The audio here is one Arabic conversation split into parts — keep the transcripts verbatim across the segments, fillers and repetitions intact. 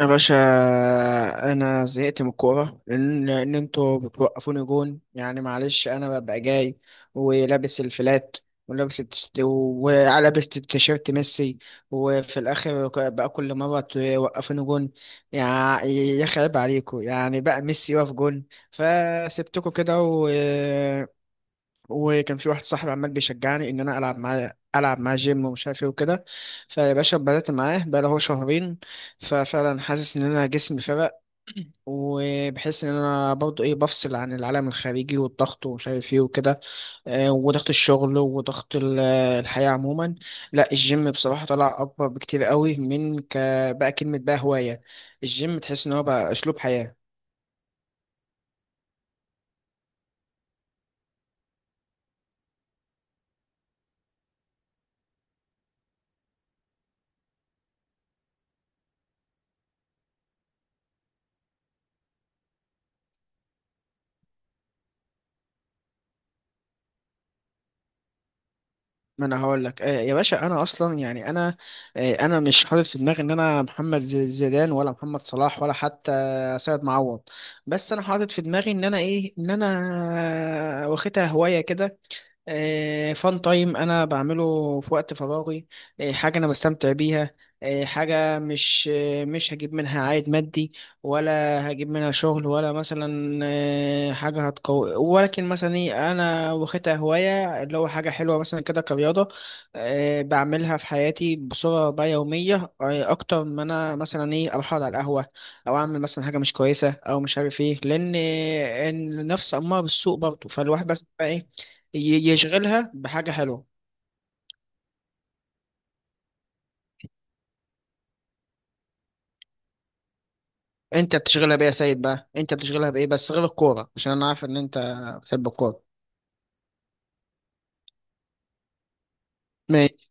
يا باشا انا زهقت من الكوره لان لأن انتوا بتوقفوني جون، يعني معلش انا ببقى جاي ولابس الفلات ولابس التس- ولابس التيشيرت ميسي، وفي الاخر بقى كل مره توقفوني جون. يا يا خرب عليكم، يعني بقى ميسي واقف جون، فسبتكم كده. وكان في واحد صاحبي عمال بيشجعني ان انا العب معاه العب معاه جيم ومش عارف ايه وكده. فيا باشا بدأت معاه بقاله هو شهرين، ففعلا حاسس ان انا جسمي فرق، وبحس ان انا برضه ايه بفصل عن العالم الخارجي والضغط ومش عارف ايه وكده، آه، وضغط الشغل وضغط ال- الحياة عموما. لا الجيم بصراحة طلع اكبر بكتير قوي من ك بقى كلمة، بقى هواية. الجيم تحس ان هو بقى اسلوب حياة. ما انا هقول لك، آه، يا باشا انا اصلا يعني انا، آه، انا مش حاطط في دماغي ان انا محمد ز- زيدان ولا محمد صلاح ولا حتى سيد معوض، بس انا حاطط في دماغي ان انا ايه، ان انا واخدها هوايه كده. فان تايم انا بعمله في وقت فراغي، آه، حاجه انا بستمتع بيها، آه، حاجه مش آه، مش هجيب منها عائد مادي ولا هجيب منها شغل، ولا مثلا آه، حاجه هتقوي، ولكن مثلا ايه انا واخدها هوايه، اللي هو حاجه حلوه مثلا كده كرياضه، آه، بعملها في حياتي بصوره بقى يوميه، آه، اكتر ما انا مثلا ايه اروح أقعد على القهوه او اعمل مثلا حاجه مش كويسه او مش عارف ايه، لان آه، النفس اماره بالسوء برضه، فالواحد بس بقى ايه ي- يشغلها بحاجة حلوة. انت بتشغلها بإيه يا سيد بقى؟ انت بتشغلها بإيه بس غير الكورة؟ عشان انا عارف ان انت بتحب الكورة. ماشي.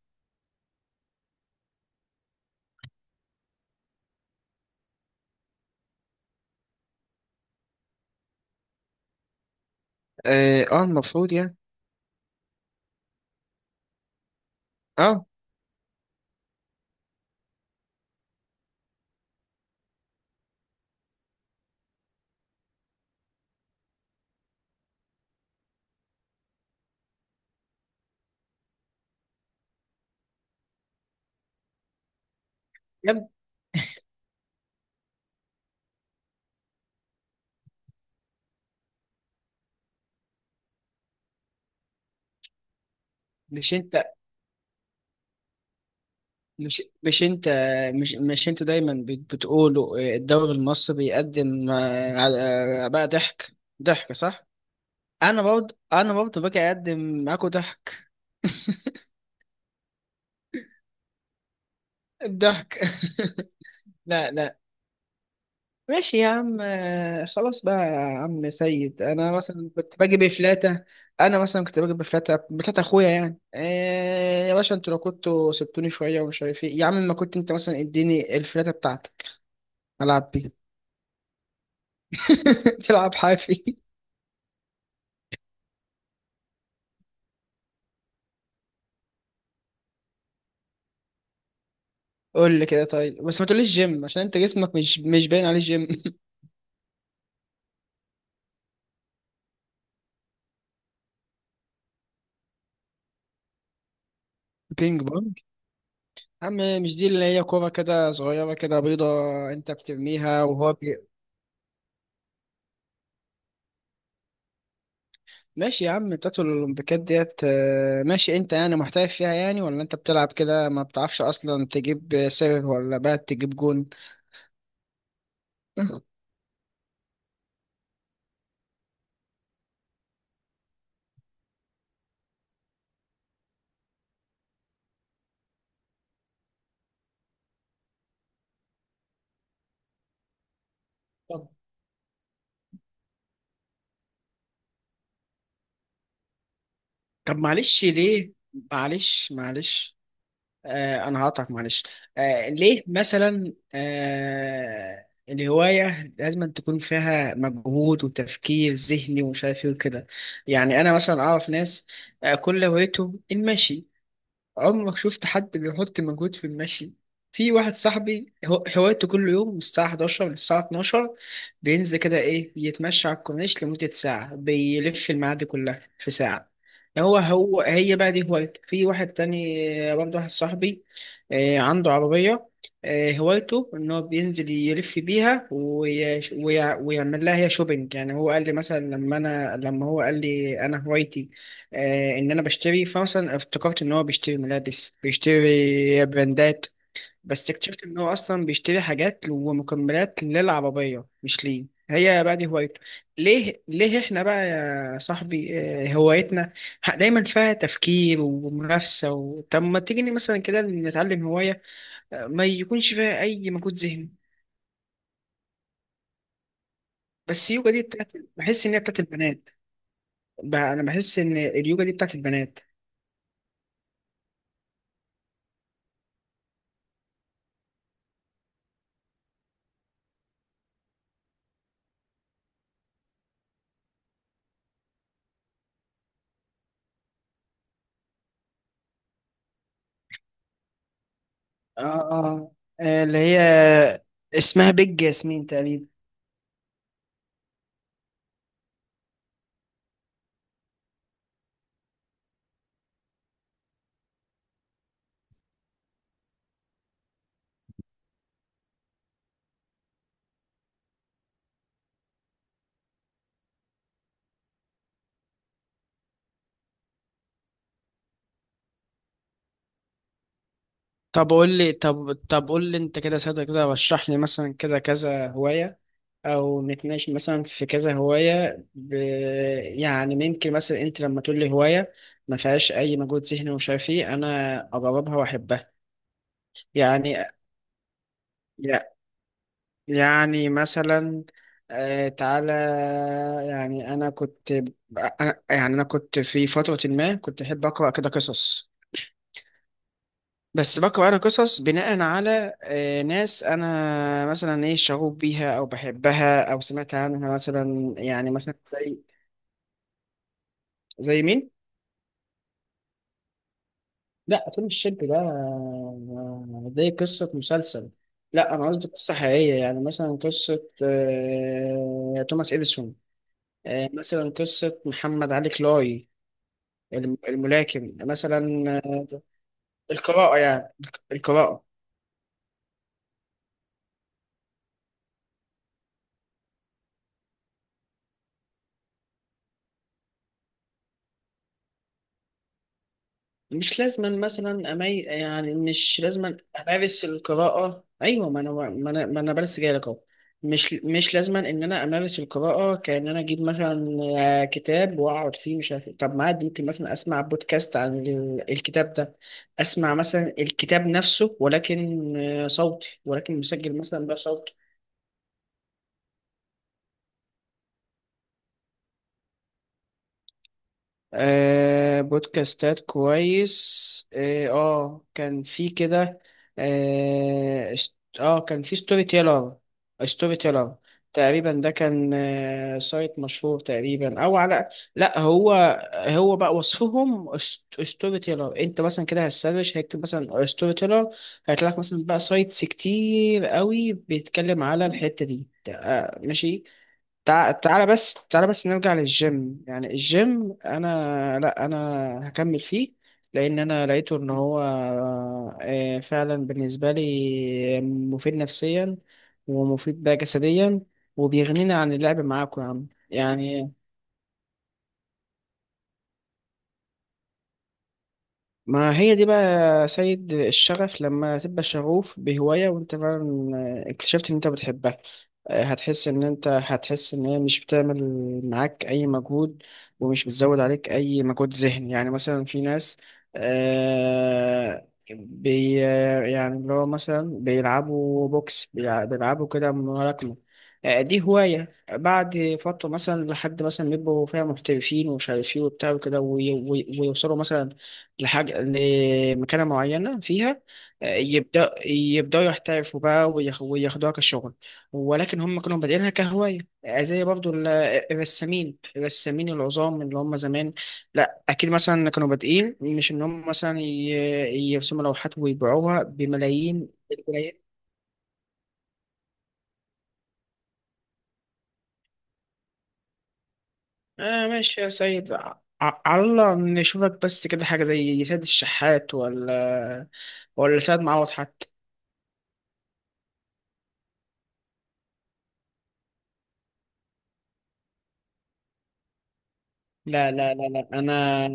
اه، آه، المفروض يعني. اه، يا ابني، مش انت مش مش انت مش مش انت دايما بت- بتقولوا آه، الدوري المصري بيقدم آه، على- آه، بقى ضحك، ضحك صح. انا برضه انا برضه باجي اقدم معاكوا ضحك، الضحك لا، لا، ماشي يا عم، آه، خلاص بقى يا عم سيد. انا مثلا كنت باجي بفلاتة، انا مثلا كنت باجي بفلاتة بفلاتة اخويا، يعني إيه يا باشا؟ انتوا لو كنتوا سبتوني شوية ومش عارف ايه يا عم، ما كنت انت مثلا اديني الفلاتة بتاعتك العب بيها. تلعب حافي؟ قول لي كده، طيب بس ما تقوليش جيم عشان انت جسمك مش مش باين عليه جيم. بينج بونج؟ يا عم، مش دي اللي هي كورة كده صغيرة كده بيضة، انت بترميها وهو بي... ماشي يا عم بتاعت الأولمبيكات ديت. آه، ماشي، أنت يعني محترف فيها يعني ولا أنت بتلعب كده ما بتعرفش أصلا تجيب سيرف ولا بقى تجيب جون؟ طب طب معلش ليه؟ معلش معلش آه، أنا هقطعك معلش. آه، ليه مثلا آه الهواية لازم تكون فيها مجهود وتفكير ذهني ومش عارف إيه وكده؟ يعني أنا مثلا أعرف ناس آه كل هوايته المشي، عمرك شفت حد بيحط مجهود في المشي؟ في واحد صاحبي هو- هوايته كل يوم من الساعة إحداشر للساعة اتناشر بينزل كده إيه يتمشى على الكورنيش لمدة ساعة، بيلف المعادي كلها في ساعة. هو هو هي بقى دي هوايته. في واحد تاني برضه واحد صاحبي آه، عنده عربية، آه، هوايته إن هو بينزل يلف بيها وي- ويع- ويعمل لها هي شوبينج. يعني هو قال لي مثلا لما أنا لما هو قال لي أنا هوايتي آه، ان انا بشتري، فمثلا افتكرت ان هو بيشتري ملابس بيشتري براندات، بس اكتشفت ان هو اصلا بيشتري حاجات ومكملات للعربيه مش ليه، هي بقى دي هوايته. ليه ليه احنا بقى يا صاحبي آه، هوايتنا ح- دايما فيها تفكير ومنافسه و... طب ما تيجي مثلا كده نتعلم هوايه آه، ما يكونش فيها اي مجهود ذهني. بس اليوجا دي بتاعت بحس ان هي بتاعت البنات. بقى انا بحس ان اليوجا دي بتاعت البنات. اه، اه، آه، اللي هي اسمها بيج ياسمين تقريبا. طب قول لي، طب طب قول لي انت كده ساده كده، رشح لي مثلا كده كذا هوايه، او نتناقش مثلا في كذا هوايه ب... يعني ممكن مثلا انت لما تقول لي هوايه ما فيهاش اي مجهود ذهني ومش عارف ايه، انا اجربها واحبها. يعني يع- يعني مثلا، آه، تعالى، يعني انا كنت، انا يعني انا كنت في فتره ما كنت احب اقرا كده قصص، بس بقرأ أنا قصص بناء على آه، ناس أنا مثلا إيه شغوف بيها أو بحبها أو سمعت عنها، مثلا يعني مثلا زي، زي مين؟ لا فيلم الشاب ده آه، زي قصة مسلسل. لا أنا قصدي قصة حقيقية، يعني مثلا قصة آه، توماس إديسون، آه، مثلا قصة محمد علي كلاي، الم- الملاكم مثلا. آه، القراءة يعني، القراءة. مش لازما مثلا أمي، يعني مش لازما أمارس القراءة، أيوة، ما أنا ما أنا ما أنا بس جاي لك أهو. مش مش لازما إن أنا أمارس القراءة كأن أنا أجيب مثلا آه، كتاب وأقعد فيه مش عارف إيه. طب ما عادي ممكن مثلا أسمع بودكاست عن ال- الكتاب ده، أسمع مثلا الكتاب نفسه ولكن آه، صوتي، ولكن مسجل مثلا بصوت. آه بودكاستات كويس، اه آه، كان في كده، اه اشت- آه، كان في ستوري تيلر، ستوري تيلر تقريبا. ده كان آه سايت مشهور تقريبا او على، لا هو، هو بقى وصفهم ست- ستوري تيلر. انت مثلا كده هتسرش هيكتب مثلا ستوري تيلر، هيطلع لك مثلا بقى سايتس كتير قوي بيتكلم على الحتة دي. آه ماشي. تع- تعالى بس، تعالى بس نرجع للجيم. يعني الجيم انا لا انا هكمل فيه، لان انا لقيته ان هو آه، فعلا بالنسبه لي مفيد نفسيا، ومفيد بقى جسديا، وبيغنينا عن اللعب معاكم يا عم يعني. ما هي دي بقى يا سيد، الشغف لما تبقى شغوف بهواية وانت فعلا آه، اكتشفت ان انت بتحبها، آه، هتحس ان انت هتحس ان هي مش بتعمل معاك اي مجهود، ومش بتزود عليك اي مجهود ذهني. يعني مثلا في ناس آه بي آه، يعني اللي هو مثلا بيلعبوا بوكس بيلع- بيلعبوا كده ملاكمة، آه، دي هواية بعد فترة مثلا لحد مثلا بيبقوا فيها محترفين ومش عارف ايه وبتاع وكده وي- وي- ويوصلوا مثلا لحاجة، لمكانة معينة فيها، آه، يبدأ يبدأوا يحترفوا بقى وياخ- وياخدوها كشغل، ولكن هم كانوا بادئينها كهواية، آه، زي برضو ال- الرسامين، الرسامين العظام اللي هم زمان، لا أكيد مثلا كانوا بادئين مش إن هم مثلا ي- يرسموا لوحات ويبيعوها بملايين، البلايين. آه ماشي يا سيد، ع- على الله نشوفك بس كده حاجة زي سيد الشحات، ولا ولا سيد معوض حتى. لا، لا، لا، لا، انا،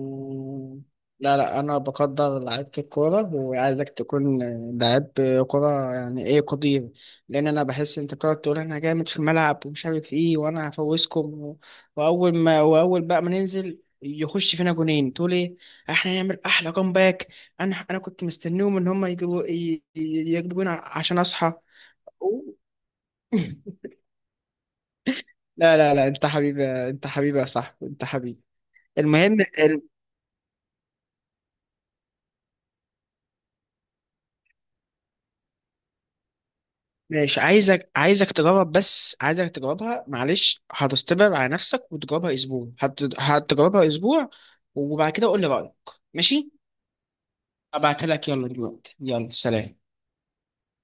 لا، لا، انا بقدر لعيبة الكورة وعايزك تكون لعيب كورة، يعني ايه قدير؟ لان انا بحس انت بتقعد تقول انا جامد في الملعب ومش عارف ايه، وانا هفوزكم. واول ما واول بقى ما ننزل يخش فينا جونين تقول ايه احنا هنعمل احلى باك. انا انا كنت مستنيهم ان هم يجيبوا ي- ي- يجيبوا جون عشان اصحى. لا، لا، لا، انت حبيبي، انت حبيبي يا صاحبي، انت حبيبي. المهم ماشي، عايزك عايزك تجرب، بس عايزك تجربها معلش هتستبعد على نفسك وتجربها اسبوع، هت... هتجربها اسبوع وبعد كده قول لي رأيك. ماشي، ابعتها لك يلا دلوقتي. يلا سلام.